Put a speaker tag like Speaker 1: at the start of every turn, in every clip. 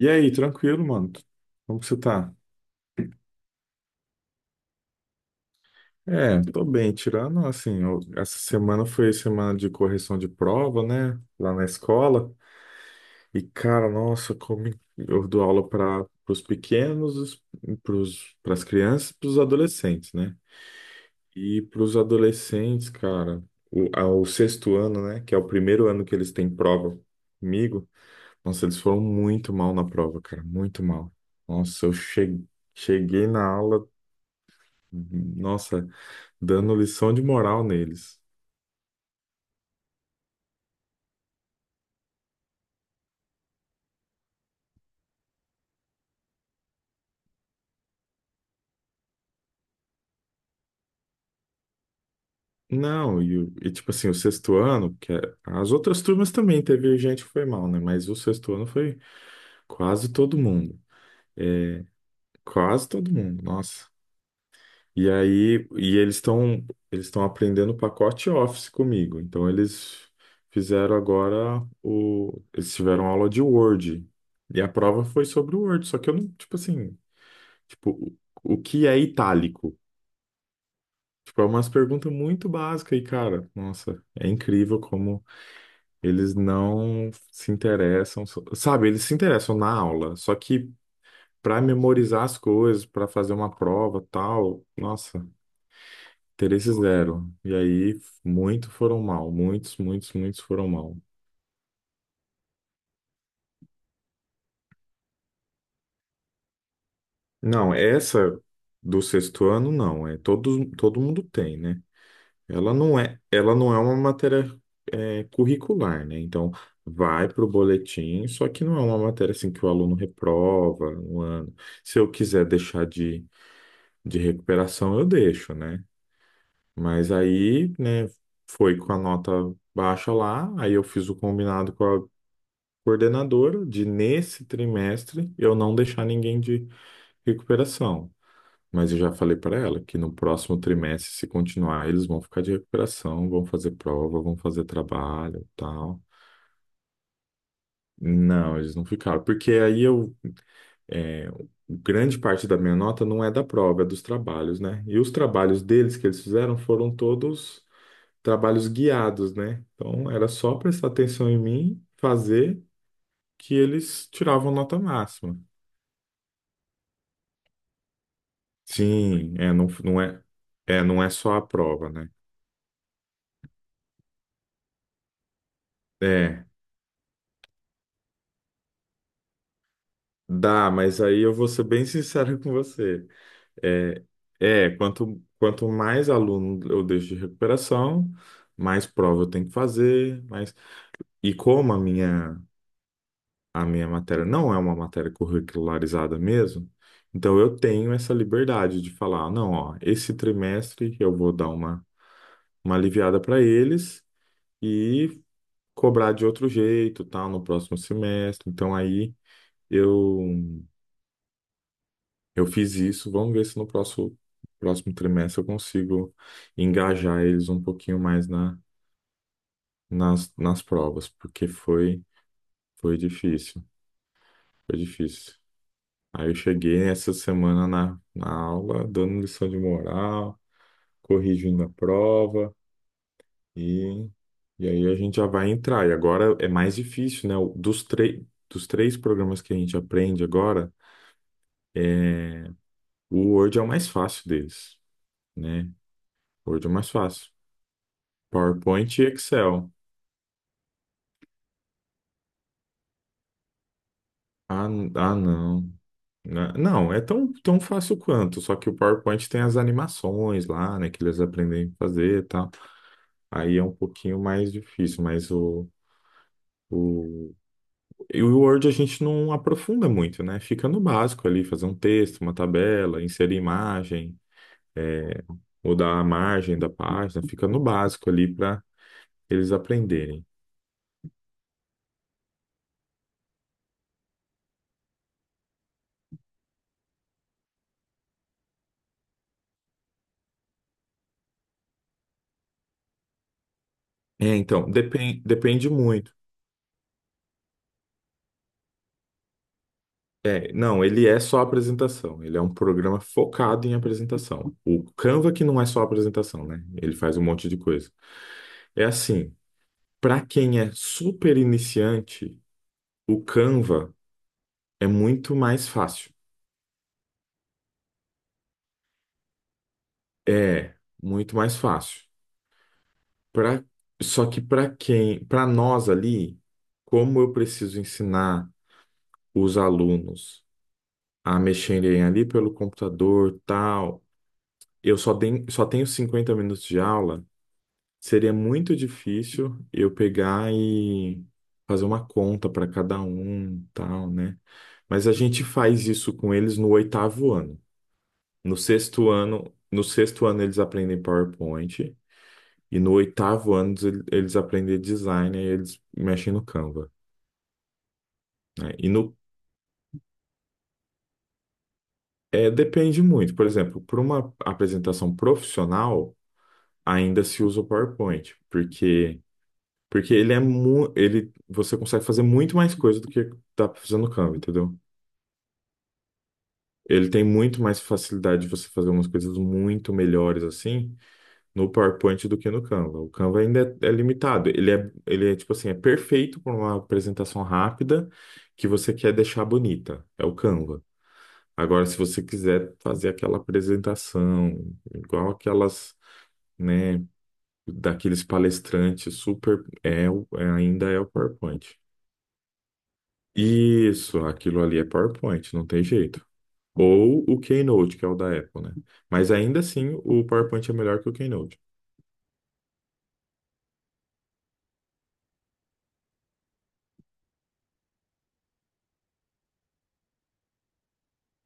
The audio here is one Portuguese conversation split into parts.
Speaker 1: E aí, tranquilo, mano? Como que você tá? É, tô bem, tirando assim, essa semana foi semana de correção de prova, né? Lá na escola. E, cara, nossa, como eu dou aula para os pequenos, para as crianças, para os adolescentes, né? E para os adolescentes, cara, ao sexto ano, né? Que é o primeiro ano que eles têm prova comigo, nossa, eles foram muito mal na prova, cara, muito mal. Nossa, cheguei na aula. Nossa, dando lição de moral neles. Não, e tipo assim, o sexto ano, as outras turmas também teve gente que foi mal, né? Mas o sexto ano foi quase todo mundo. É, quase todo mundo, nossa. E aí, eles estão aprendendo o pacote Office comigo. Então eles fizeram agora o eles tiveram aula de Word. E a prova foi sobre o Word, só que eu não, tipo assim, tipo, o que é itálico? Tipo, é umas perguntas muito básicas e, cara, nossa, é incrível como eles não se interessam, sabe, eles se interessam na aula, só que para memorizar as coisas, para fazer uma prova, tal, nossa, interesse zero. E aí, muitos, muitos foram mal. Não, essa do sexto ano, não, é todos, todo mundo tem, né? Ela não é uma matéria é, curricular, né? Então, vai para o boletim, só que não é uma matéria assim que o aluno reprova um ano. Se eu quiser deixar de recuperação, eu deixo, né? Mas aí, né, foi com a nota baixa lá, aí eu fiz o combinado com a coordenadora de, nesse trimestre, eu não deixar ninguém de recuperação. Mas eu já falei para ela que no próximo trimestre, se continuar, eles vão ficar de recuperação, vão fazer prova, vão fazer trabalho, tal. Não, eles não ficaram, porque é, grande parte da minha nota não é da prova, é dos trabalhos, né? E os trabalhos deles que eles fizeram foram todos trabalhos guiados, né? Então era só prestar atenção em mim, fazer que eles tiravam nota máxima. Sim, é, é, não é só a prova, né? É. Dá, mas aí eu vou ser bem sincero com você. É, é quanto, quanto mais aluno eu deixo de recuperação, mais prova eu tenho que fazer, mais... E como a minha matéria não é uma matéria curricularizada mesmo, então eu tenho essa liberdade de falar, não, ó, esse trimestre eu vou dar uma aliviada para eles e cobrar de outro jeito, tal, no próximo semestre. Então aí eu eu fiz isso, vamos ver se no próximo trimestre eu consigo engajar eles um pouquinho mais nas provas, porque foi, foi difícil, foi difícil. Aí eu cheguei essa semana na aula, dando lição de moral, corrigindo a prova, e, e aí a gente já vai entrar. E agora é mais difícil, né? Dos três programas que a gente aprende agora, é, o Word é o mais fácil deles, né? O Word é o mais fácil. PowerPoint e Excel. Ah, n- ah, não. Não, é tão, tão fácil quanto, só que o PowerPoint tem as animações lá, né, que eles aprendem a fazer e tal. Aí é um pouquinho mais difícil, mas o, e o Word a gente não aprofunda muito, né? Fica no básico ali, fazer um texto, uma tabela, inserir imagem, mudar a margem da página, fica no básico ali para eles aprenderem. É, então, depende muito. É, não, ele é só apresentação. Ele é um programa focado em apresentação. O Canva que não é só apresentação, né? Ele faz um monte de coisa. É assim, para quem é super iniciante, o Canva é muito mais fácil. É, muito mais fácil. Pra, só que para quem, para nós ali, como eu preciso ensinar os alunos a mexerem ali pelo computador, tal, eu só tenho 50 minutos de aula. Seria muito difícil eu pegar e fazer uma conta para cada um, tal, né? Mas a gente faz isso com eles no oitavo ano. No sexto ano eles aprendem PowerPoint e no oitavo ano eles aprendem design e eles mexem no Canva, né? E no é, depende muito. Por exemplo, para uma apresentação profissional, ainda se usa o PowerPoint, porque ele é mu ele você consegue fazer muito mais coisa do que tá fazendo no Canva, entendeu? Ele tem muito mais facilidade de você fazer umas coisas muito melhores assim no PowerPoint do que no Canva. O Canva ainda é, é limitado. Ele é tipo assim, é perfeito para uma apresentação rápida que você quer deixar bonita. É o Canva. Agora, se você quiser fazer aquela apresentação igual aquelas, né, daqueles palestrantes super é, ainda é o PowerPoint. Isso, aquilo ali é PowerPoint, não tem jeito. Ou o Keynote, que é o da Apple, né? Mas ainda assim, o PowerPoint é melhor que o Keynote.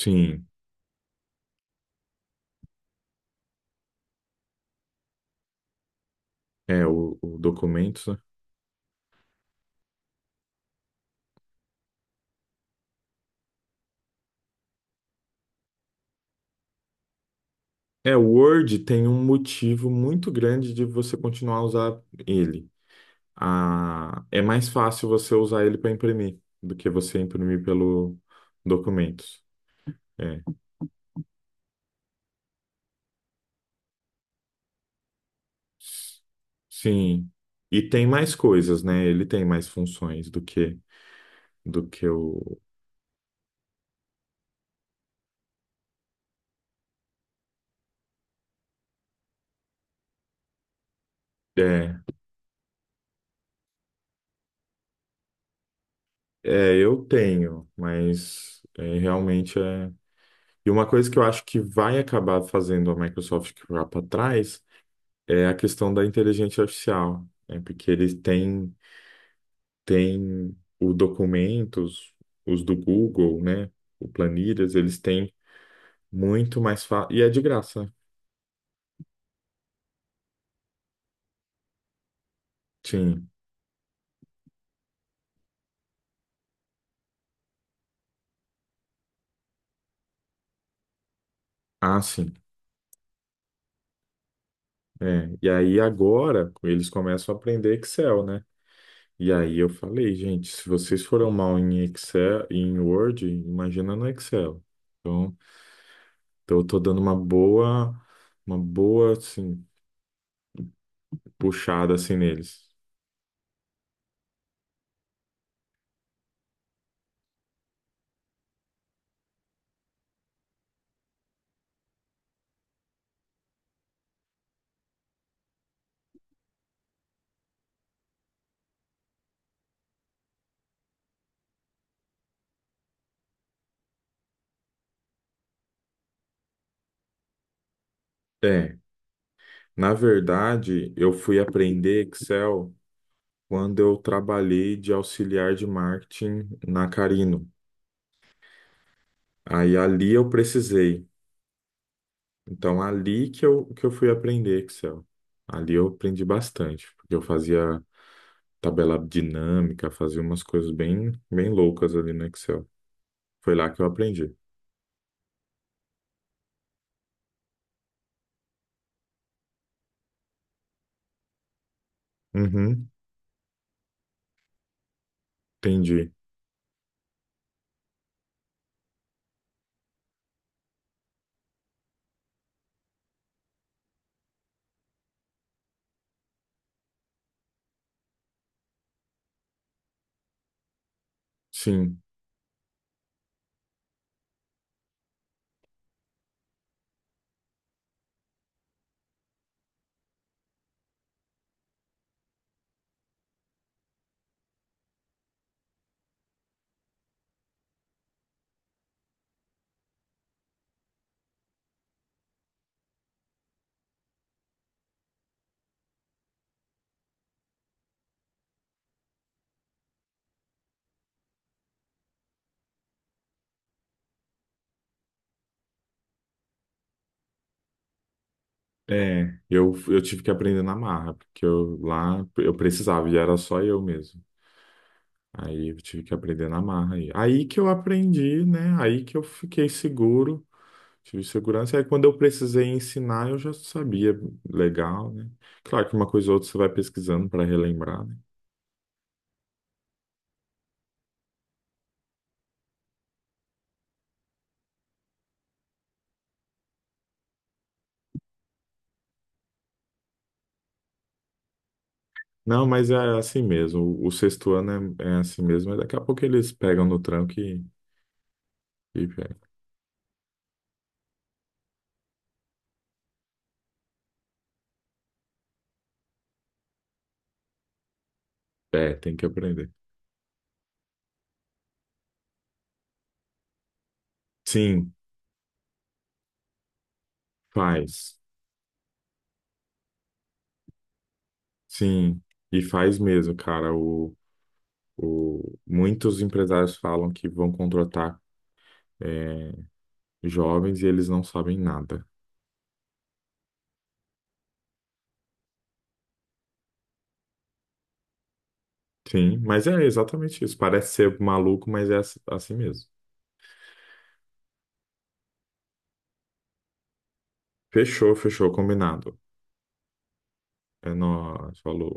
Speaker 1: Sim, é o documentos, né? É, o Word tem um motivo muito grande de você continuar a usar ele. Ah, é mais fácil você usar ele para imprimir do que você imprimir pelo documentos. É. S- Sim. E tem mais coisas, né? Ele tem mais funções do que o é, É, eu tenho, mas é, realmente é. E uma coisa que eu acho que vai acabar fazendo a Microsoft ficar para trás é a questão da inteligência artificial, né? Porque têm o documentos, os do Google, né? O Planilhas, eles têm muito mais fácil. E é de graça. Né? Sim. Ah, sim. É. E aí agora eles começam a aprender Excel, né? E aí eu falei, gente, se vocês foram mal em Excel, em Word, imagina no Excel. Então, então eu tô dando uma boa, assim, puxada, assim, neles. É, na verdade, eu fui aprender Excel quando eu trabalhei de auxiliar de marketing na Carino. Aí ali eu precisei. Então, ali que eu fui aprender Excel. Ali eu aprendi bastante, porque eu fazia tabela dinâmica, fazia umas coisas bem, bem loucas ali no Excel. Foi lá que eu aprendi. Uhum, entendi. Sim. É, eu tive que aprender na marra, porque eu lá eu precisava e era só eu mesmo. Aí eu tive que aprender na marra. Aí que eu aprendi, né? Aí que eu fiquei seguro, tive segurança. Aí quando eu precisei ensinar, eu já sabia legal, né? Claro que uma coisa ou outra você vai pesquisando para relembrar, né? Não, mas é assim mesmo. O sexto ano é, é assim mesmo. Mas daqui a pouco eles pegam no tranco e é, é, tem que aprender. Sim, faz. Sim, e faz mesmo, cara. Muitos empresários falam que vão contratar é, jovens e eles não sabem nada. Sim, mas é exatamente isso. Parece ser maluco, mas é assim mesmo. Fechou, fechou, combinado. É nóis, falou.